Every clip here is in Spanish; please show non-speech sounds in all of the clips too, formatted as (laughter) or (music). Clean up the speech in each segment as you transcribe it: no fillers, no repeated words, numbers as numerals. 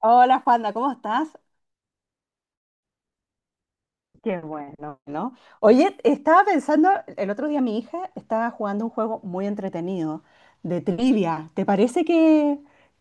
Hola Juanda, ¿cómo estás? Qué bueno, ¿no? Oye, estaba pensando, el otro día mi hija estaba jugando un juego muy entretenido de trivia. ¿Te parece que,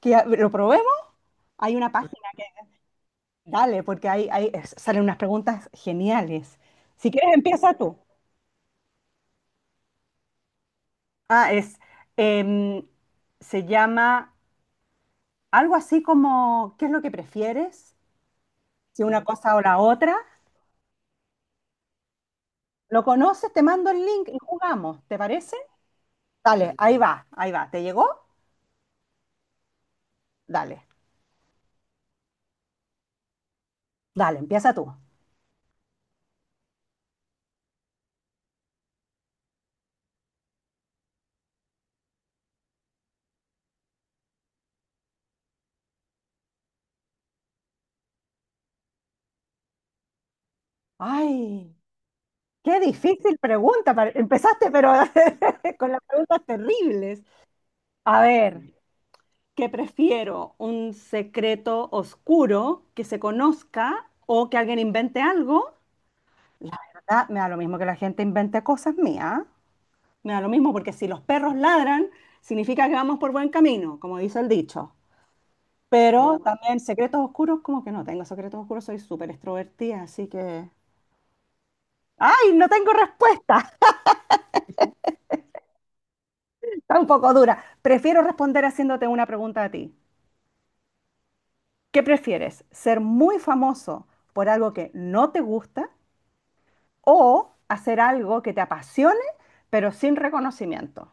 que a- lo probemos? Hay una página, dale, porque salen unas preguntas geniales. Si quieres, empieza tú. Ah, em, se llama algo así como, ¿qué es lo que prefieres? Si una cosa o la otra. ¿Lo conoces? Te mando el link y jugamos, ¿te parece? Dale, ahí va, ahí va. ¿Te llegó? Dale. Dale, empieza tú. Ay, qué difícil pregunta. Empezaste, pero (laughs) con las preguntas terribles. A ver, ¿qué prefiero? ¿Un secreto oscuro que se conozca o que alguien invente algo? La verdad, me da lo mismo que la gente invente cosas mías. Me da lo mismo porque si los perros ladran, significa que vamos por buen camino, como dice el dicho. Pero también secretos oscuros, como que no tengo secretos oscuros, soy súper extrovertida, así que. ¡Ay, no tengo respuesta! Está un poco dura. Prefiero responder haciéndote una pregunta a ti. ¿Qué prefieres? ¿Ser muy famoso por algo que no te gusta o hacer algo que te apasione pero sin reconocimiento?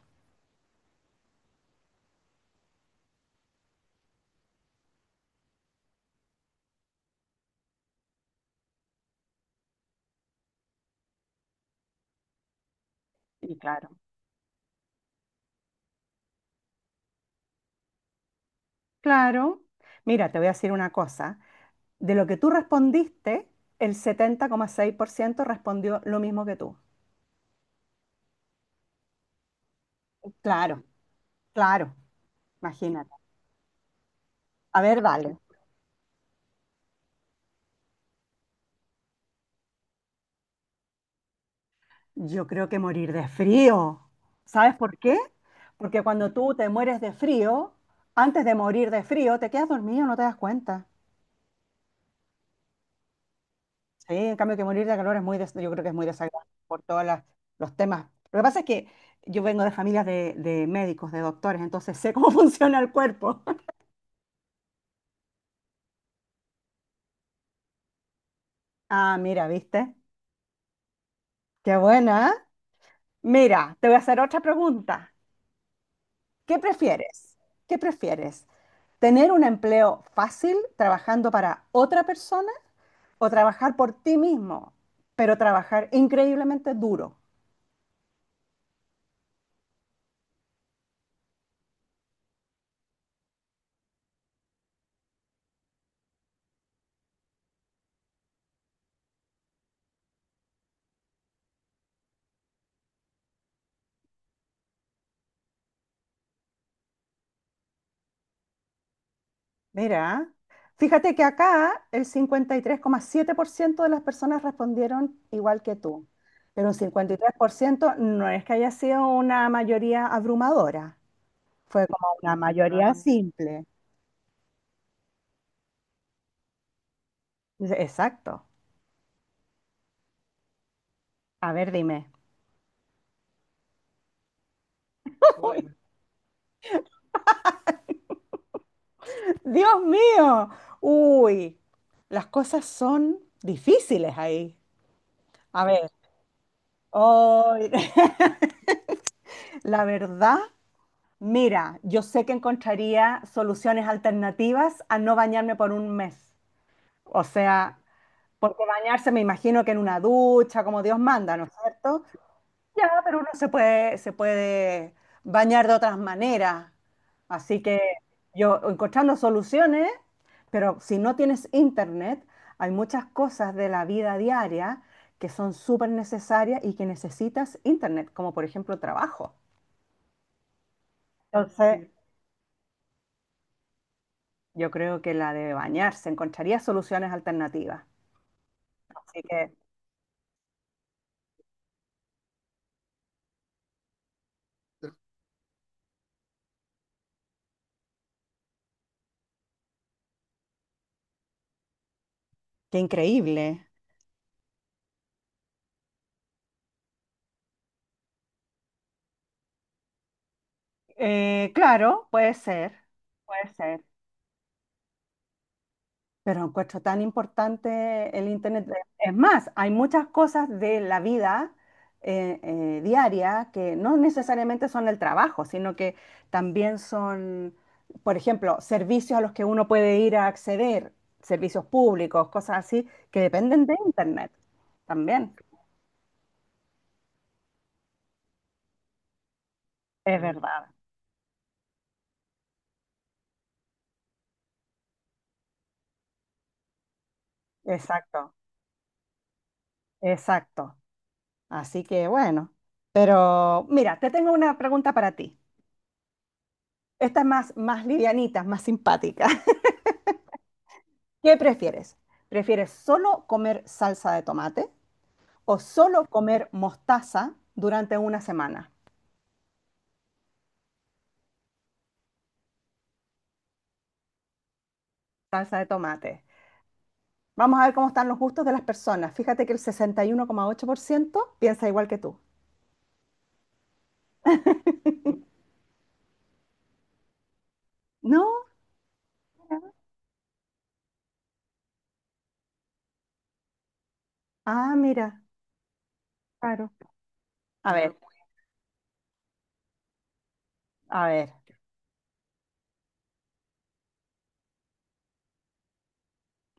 Y claro. Claro. Mira, te voy a decir una cosa. De lo que tú respondiste, el 70,6% respondió lo mismo que tú. Claro, claro. Imagínate. A ver, dale. Yo creo que morir de frío. ¿Sabes por qué? Porque cuando tú te mueres de frío, antes de morir de frío, te quedas dormido, no te das cuenta. Sí, en cambio que morir de calor es muy, yo creo que es muy desagradable por todos los temas. Lo que pasa es que yo vengo de familias de médicos, de doctores, entonces sé cómo (laughs) funciona el cuerpo. Ah, mira, ¿viste? Qué buena, ¿eh? Mira, te voy a hacer otra pregunta. ¿Qué prefieres? ¿Qué prefieres? ¿Tener un empleo fácil trabajando para otra persona o trabajar por ti mismo, pero trabajar increíblemente duro? Mira, fíjate que acá el 53,7% de las personas respondieron igual que tú, pero un 53% no es que haya sido una mayoría abrumadora, fue como una mayoría, claro, simple. Dice, exacto. A ver, dime. Bueno, (laughs) Dios mío, uy, las cosas son difíciles ahí. A ver, hoy, (laughs) la verdad, mira, yo sé que encontraría soluciones alternativas a no bañarme por un mes. O sea, porque bañarse me imagino que en una ducha, como Dios manda, ¿no es cierto? Ya, pero uno se puede bañar de otras maneras. Así que yo encontrando soluciones, pero si no tienes internet, hay muchas cosas de la vida diaria que son súper necesarias y que necesitas internet, como por ejemplo trabajo. Entonces, yo creo que la de bañarse, encontraría soluciones alternativas. Así que, qué increíble. Claro, puede ser, puede ser. Pero encuentro tan importante el Internet. Es más, hay muchas cosas de la vida diaria que no necesariamente son el trabajo, sino que también son, por ejemplo, servicios a los que uno puede ir a acceder, servicios públicos, cosas así, que dependen de Internet también. Es verdad, exacto. Exacto. Así que bueno, pero mira, te tengo una pregunta para ti. Esta es más, más livianita, más simpática. (laughs) ¿Qué prefieres? ¿Prefieres solo comer salsa de tomate o solo comer mostaza durante una semana? Salsa de tomate. Vamos a ver cómo están los gustos de las personas. Fíjate que el 61,8% piensa igual que tú. ¿No? Ah, mira. A, no, ver, a ver.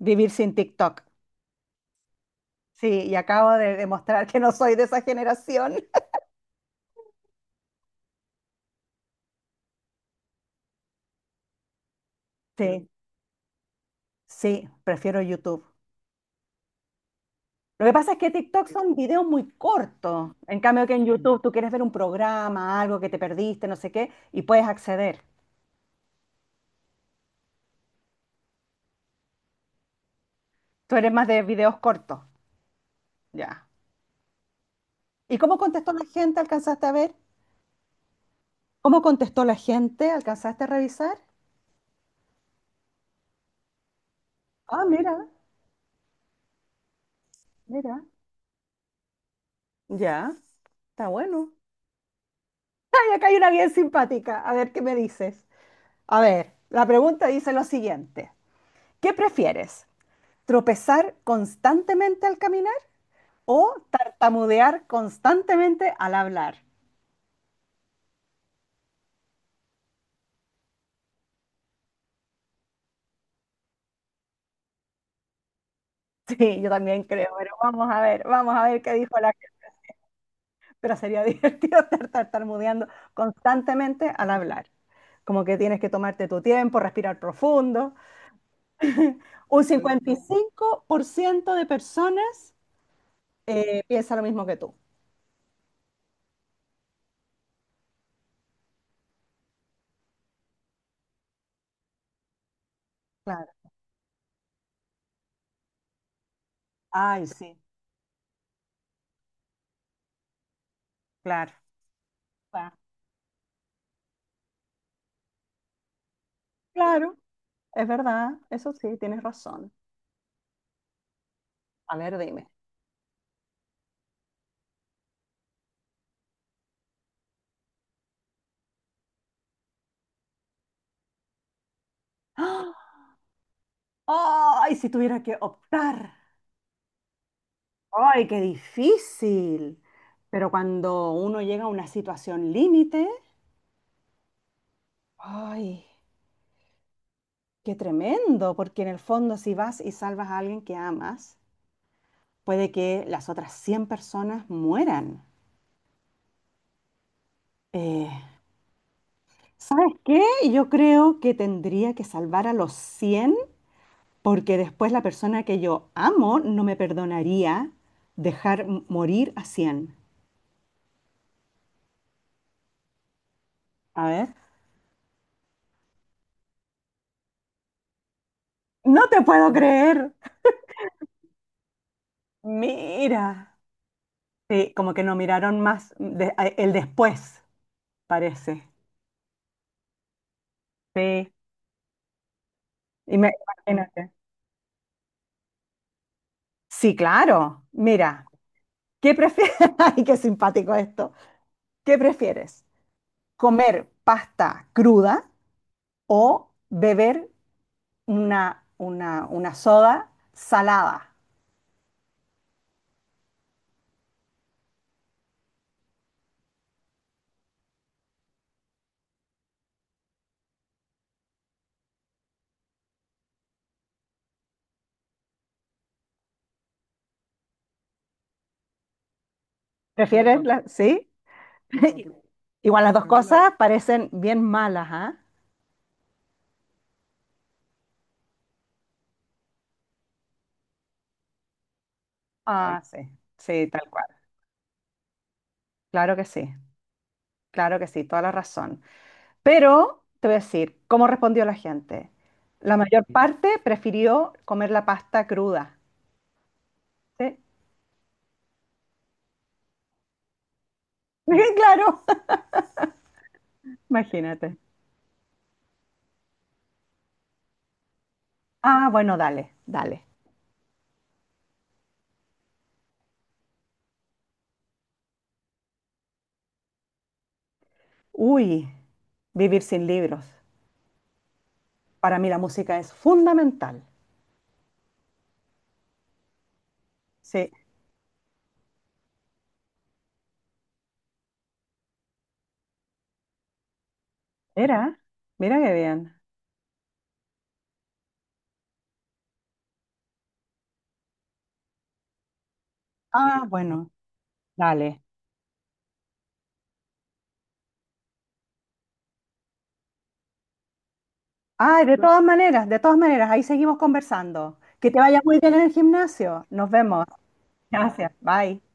Vivir sin TikTok. Sí, y acabo de demostrar que no soy de esa generación. Sí. Sí, prefiero YouTube. Lo que pasa es que TikTok son videos muy cortos. En cambio que en YouTube tú quieres ver un programa, algo que te perdiste, no sé qué, y puedes acceder. Tú eres más de videos cortos. Ya. ¿Y cómo contestó la gente? ¿Alcanzaste a ver? ¿Cómo contestó la gente? ¿Alcanzaste a revisar? Ah, mira, mira. Ya, está bueno. Ay, acá hay una bien simpática. A ver, ¿qué me dices? A ver, la pregunta dice lo siguiente. ¿Qué prefieres? ¿Tropezar constantemente al caminar o tartamudear constantemente al hablar? Sí, yo también creo, pero vamos a ver qué dijo la. Pero sería (laughs) divertido estar tartamudeando constantemente al hablar. Como que tienes que tomarte tu tiempo, respirar profundo. Un 55% de personas piensa lo mismo que tú. Claro. Ay, sí, claro. Claro, claro, es verdad, eso sí, tienes razón. A ver, dime. (gasps) ¡Ah! Ay, si tuviera que optar. Ay, qué difícil. Pero cuando uno llega a una situación límite, ay, qué tremendo, porque en el fondo si vas y salvas a alguien que amas, puede que las otras 100 personas mueran. Eh, ¿Sabes qué? Yo creo que tendría que salvar a los 100, porque después la persona que yo amo no me perdonaría dejar morir a 100. A ver. No te puedo creer. Mira. Sí, como que no miraron más el después, parece. Sí. Y me- Imagínate. Sí, claro. Mira, ¿qué prefieres? (laughs) Ay, qué simpático esto. ¿Qué prefieres? ¿Comer pasta cruda o beber una soda salada? ¿Prefieres la? ¿Sí? (laughs) Igual las dos cosas parecen bien malas, ¿ah? Ah, sí. Sí, tal cual. Claro que sí. Claro que sí, toda la razón. Pero te voy a decir cómo respondió la gente. La mayor parte prefirió comer la pasta cruda. ¿Sí? (laughs) Claro, imagínate. Ah, bueno, dale, dale. Uy, vivir sin libros. Para mí la música es fundamental. Sí. Mira, mira qué bien. Ah, bueno, dale. Ay, de todas maneras, ahí seguimos conversando. Que te vaya muy bien en el gimnasio. Nos vemos. Gracias. Bye.